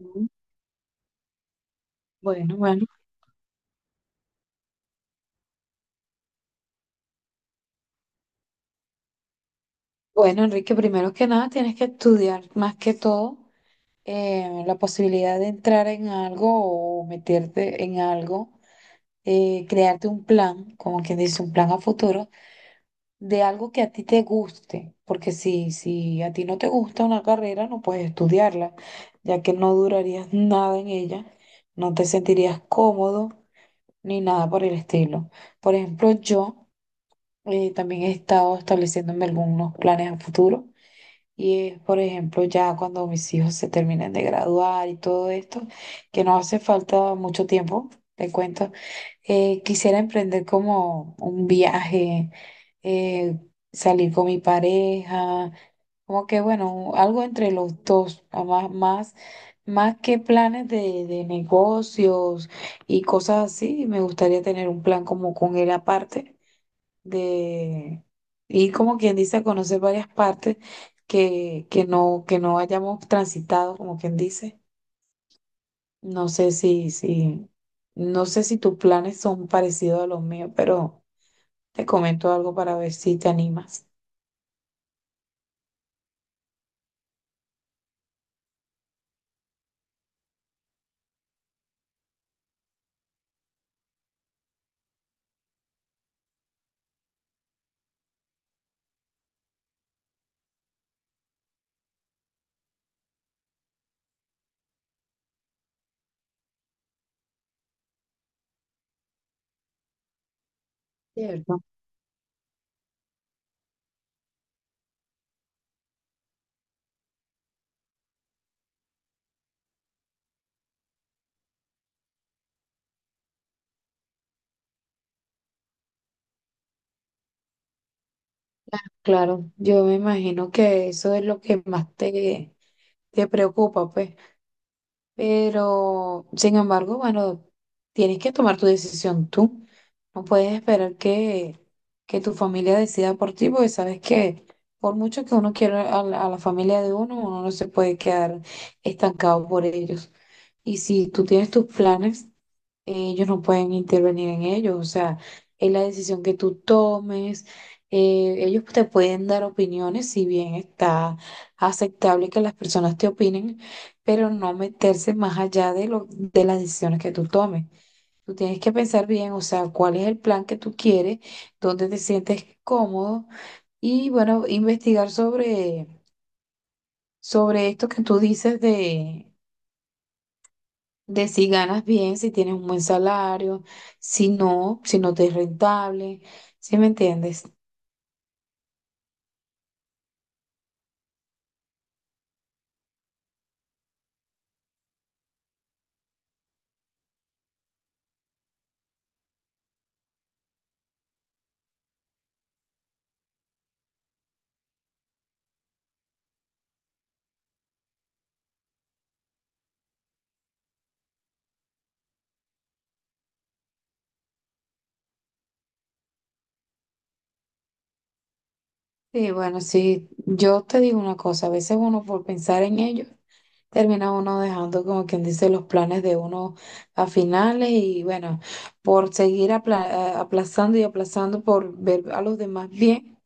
Mm, Bueno, bueno. bueno, Enrique, primero que nada tienes que estudiar más que todo la posibilidad de entrar en algo o meterte en algo, crearte un plan, como quien dice, un plan a futuro de algo que a ti te guste, porque si a ti no te gusta una carrera, no puedes estudiarla, ya que no durarías nada en ella, no te sentirías cómodo ni nada por el estilo. Por ejemplo, yo... también he estado estableciéndome algunos planes a futuro y es, por ejemplo, ya cuando mis hijos se terminen de graduar y todo esto, que no hace falta mucho tiempo, te cuento, quisiera emprender como un viaje, eh, salir con mi pareja, como que bueno, algo entre los dos, a más, más, más que planes de negocios y cosas así, me gustaría tener un plan como con él aparte de ir como quien dice a conocer varias partes que no hayamos transitado, como quien dice. No sé si, si, no sé si tus planes son parecidos a los míos, pero te comento algo para ver si te animas. Cierto. Claro, yo me imagino que eso es lo que te preocupa, pues. Pero, sin embargo, bueno, tienes que tomar tu decisión tú. No puedes esperar que tu familia decida por ti, porque sabes que por mucho que uno quiera a la familia de uno, uno no se puede quedar estancado por ellos. Y si tú tienes tus planes, ellos no pueden intervenir en ellos, o sea, es la decisión que tú tomes, ellos te pueden dar opiniones, si bien está aceptable que las personas te opinen, pero no meterse más allá de las decisiones que tú tomes. Tú tienes que pensar bien, o sea, cuál es el plan que tú quieres, dónde te sientes cómodo y bueno, sobre esto que tú dices de si ganas bien, si tienes un buen salario, si no, si no te es rentable, ¿sí me entiendes? Sí, bueno, sí, yo te digo una cosa, a veces uno por pensar en ello, termina uno dejando como quien dice los planes de uno a finales y bueno, por seguir aplazando y aplazando por ver a los demás bien.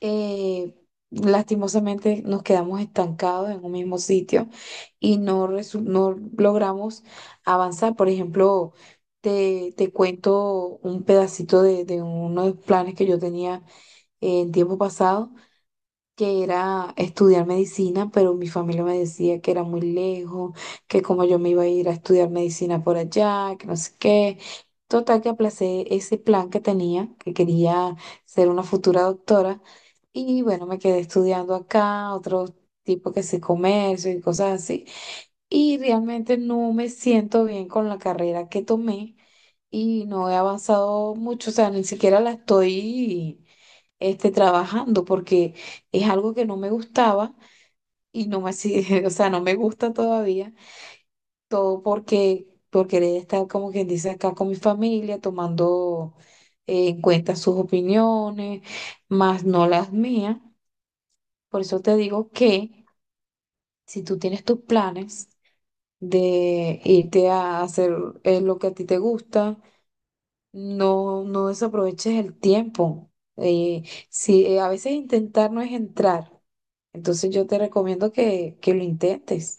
eh, Lastimosamente nos quedamos estancados en un mismo sitio y no logramos avanzar. Por ejemplo, te cuento un pedacito de uno de los planes que yo tenía en tiempo pasado que era estudiar medicina, pero mi familia me decía que era muy lejos, que como yo me iba a ir a estudiar medicina por allá, que no sé qué. Total que aplacé ese plan que tenía, que quería ser una futura doctora, y bueno, me quedé estudiando acá, otro tipo que sí comercio y cosas así, y realmente no me siento bien con la carrera que tomé y no he avanzado mucho, o sea, ni siquiera la estoy trabajando porque es algo que no me gustaba y no me hacía, o sea, no me gusta todavía, todo porque, porque querer estar como quien dice acá con mi familia, tomando en cuenta sus opiniones, más no las mías. Por eso te digo que si tú tienes tus planes de irte a hacer lo que a ti te gusta. No, no desaproveches el tiempo. Eh, si a veces intentar no es entrar, entonces yo te recomiendo que lo intentes.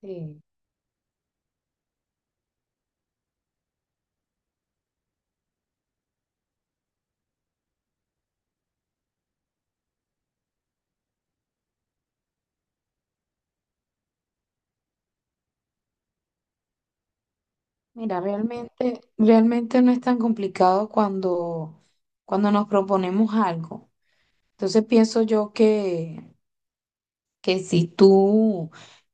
Sí. Mira, realmente, realmente no es tan complicado cuando nos proponemos algo. Entonces pienso yo que si tú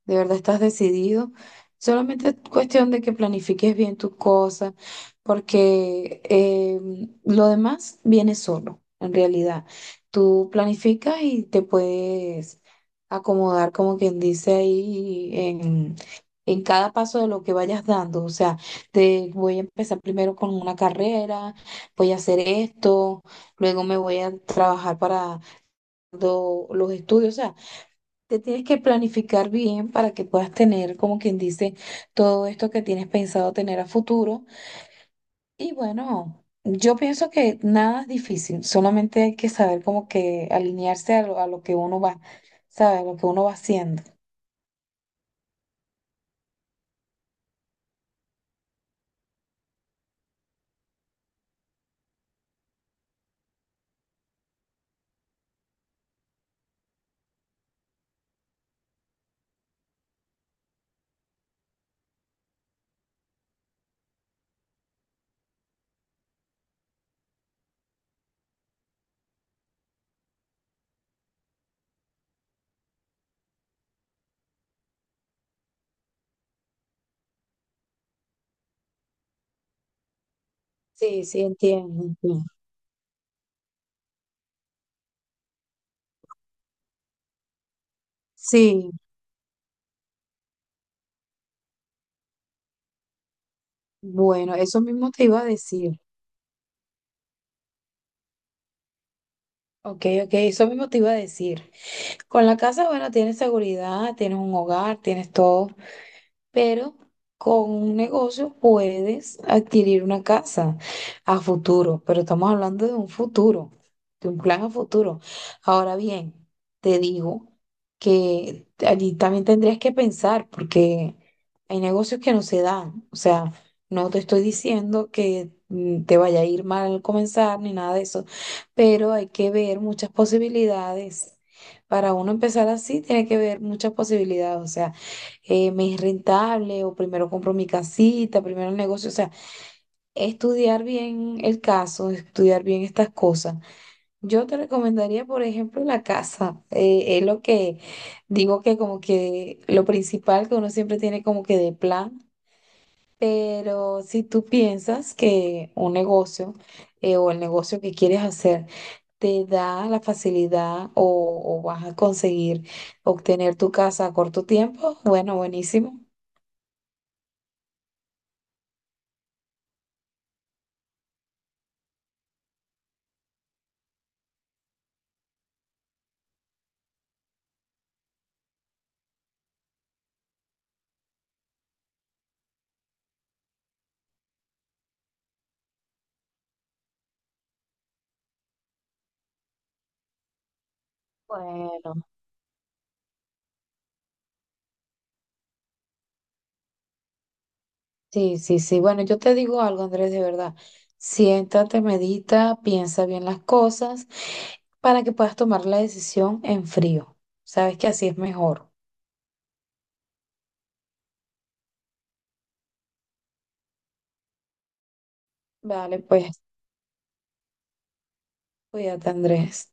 de verdad estás decidido, solamente es cuestión de que planifiques bien tus cosas, porque lo demás viene solo, en realidad. Tú planificas y te puedes acomodar, como quien dice ahí, en cada paso de lo que vayas dando. O sea, te voy a empezar primero con una carrera, voy a hacer esto, luego me voy a trabajar para los estudios, o sea. Te tienes que planificar bien para que puedas tener, como quien dice, todo esto que tienes pensado tener a futuro. Y bueno, yo pienso que nada es difícil, solamente hay que saber como que alinearse a lo que uno va, sabe, a lo que uno va haciendo. Sí, sí, entiendo. Entiendo. Sí, bueno, eso mismo te iba a decir. Ok, ok, eso mismo te iba a decir. Con la casa, bueno, tienes seguridad, tienes un hogar, tienes todo. Pero con un negocio puedes adquirir una casa a futuro, pero estamos hablando de un futuro, de un plan a futuro. Ahora bien, te digo que allí también tendrías que pensar porque hay negocios que no se dan, o sea, no te estoy diciendo que te vaya a ir mal al comenzar ni nada de eso, pero hay que ver muchas posibilidades. Para uno empezar así, tiene que ver muchas posibilidades, o sea, me es rentable o primero compro mi casita, primero el negocio, o sea, estudiar bien el caso, estudiar bien estas cosas. Yo te recomendaría, por ejemplo, la casa. Es lo que digo que como que lo principal que uno siempre tiene como que de plan, pero si tú piensas que un negocio o el negocio que quieres hacer te da la facilidad o vas a conseguir obtener tu casa a corto tiempo, bueno, buenísimo. Bueno, sí, sí, sí. Bueno, yo te digo algo, Andrés, de verdad. Siéntate, medita, piensa bien las cosas para que puedas tomar la decisión en frío. Sabes que así es mejor. Vale, pues cuídate, Andrés.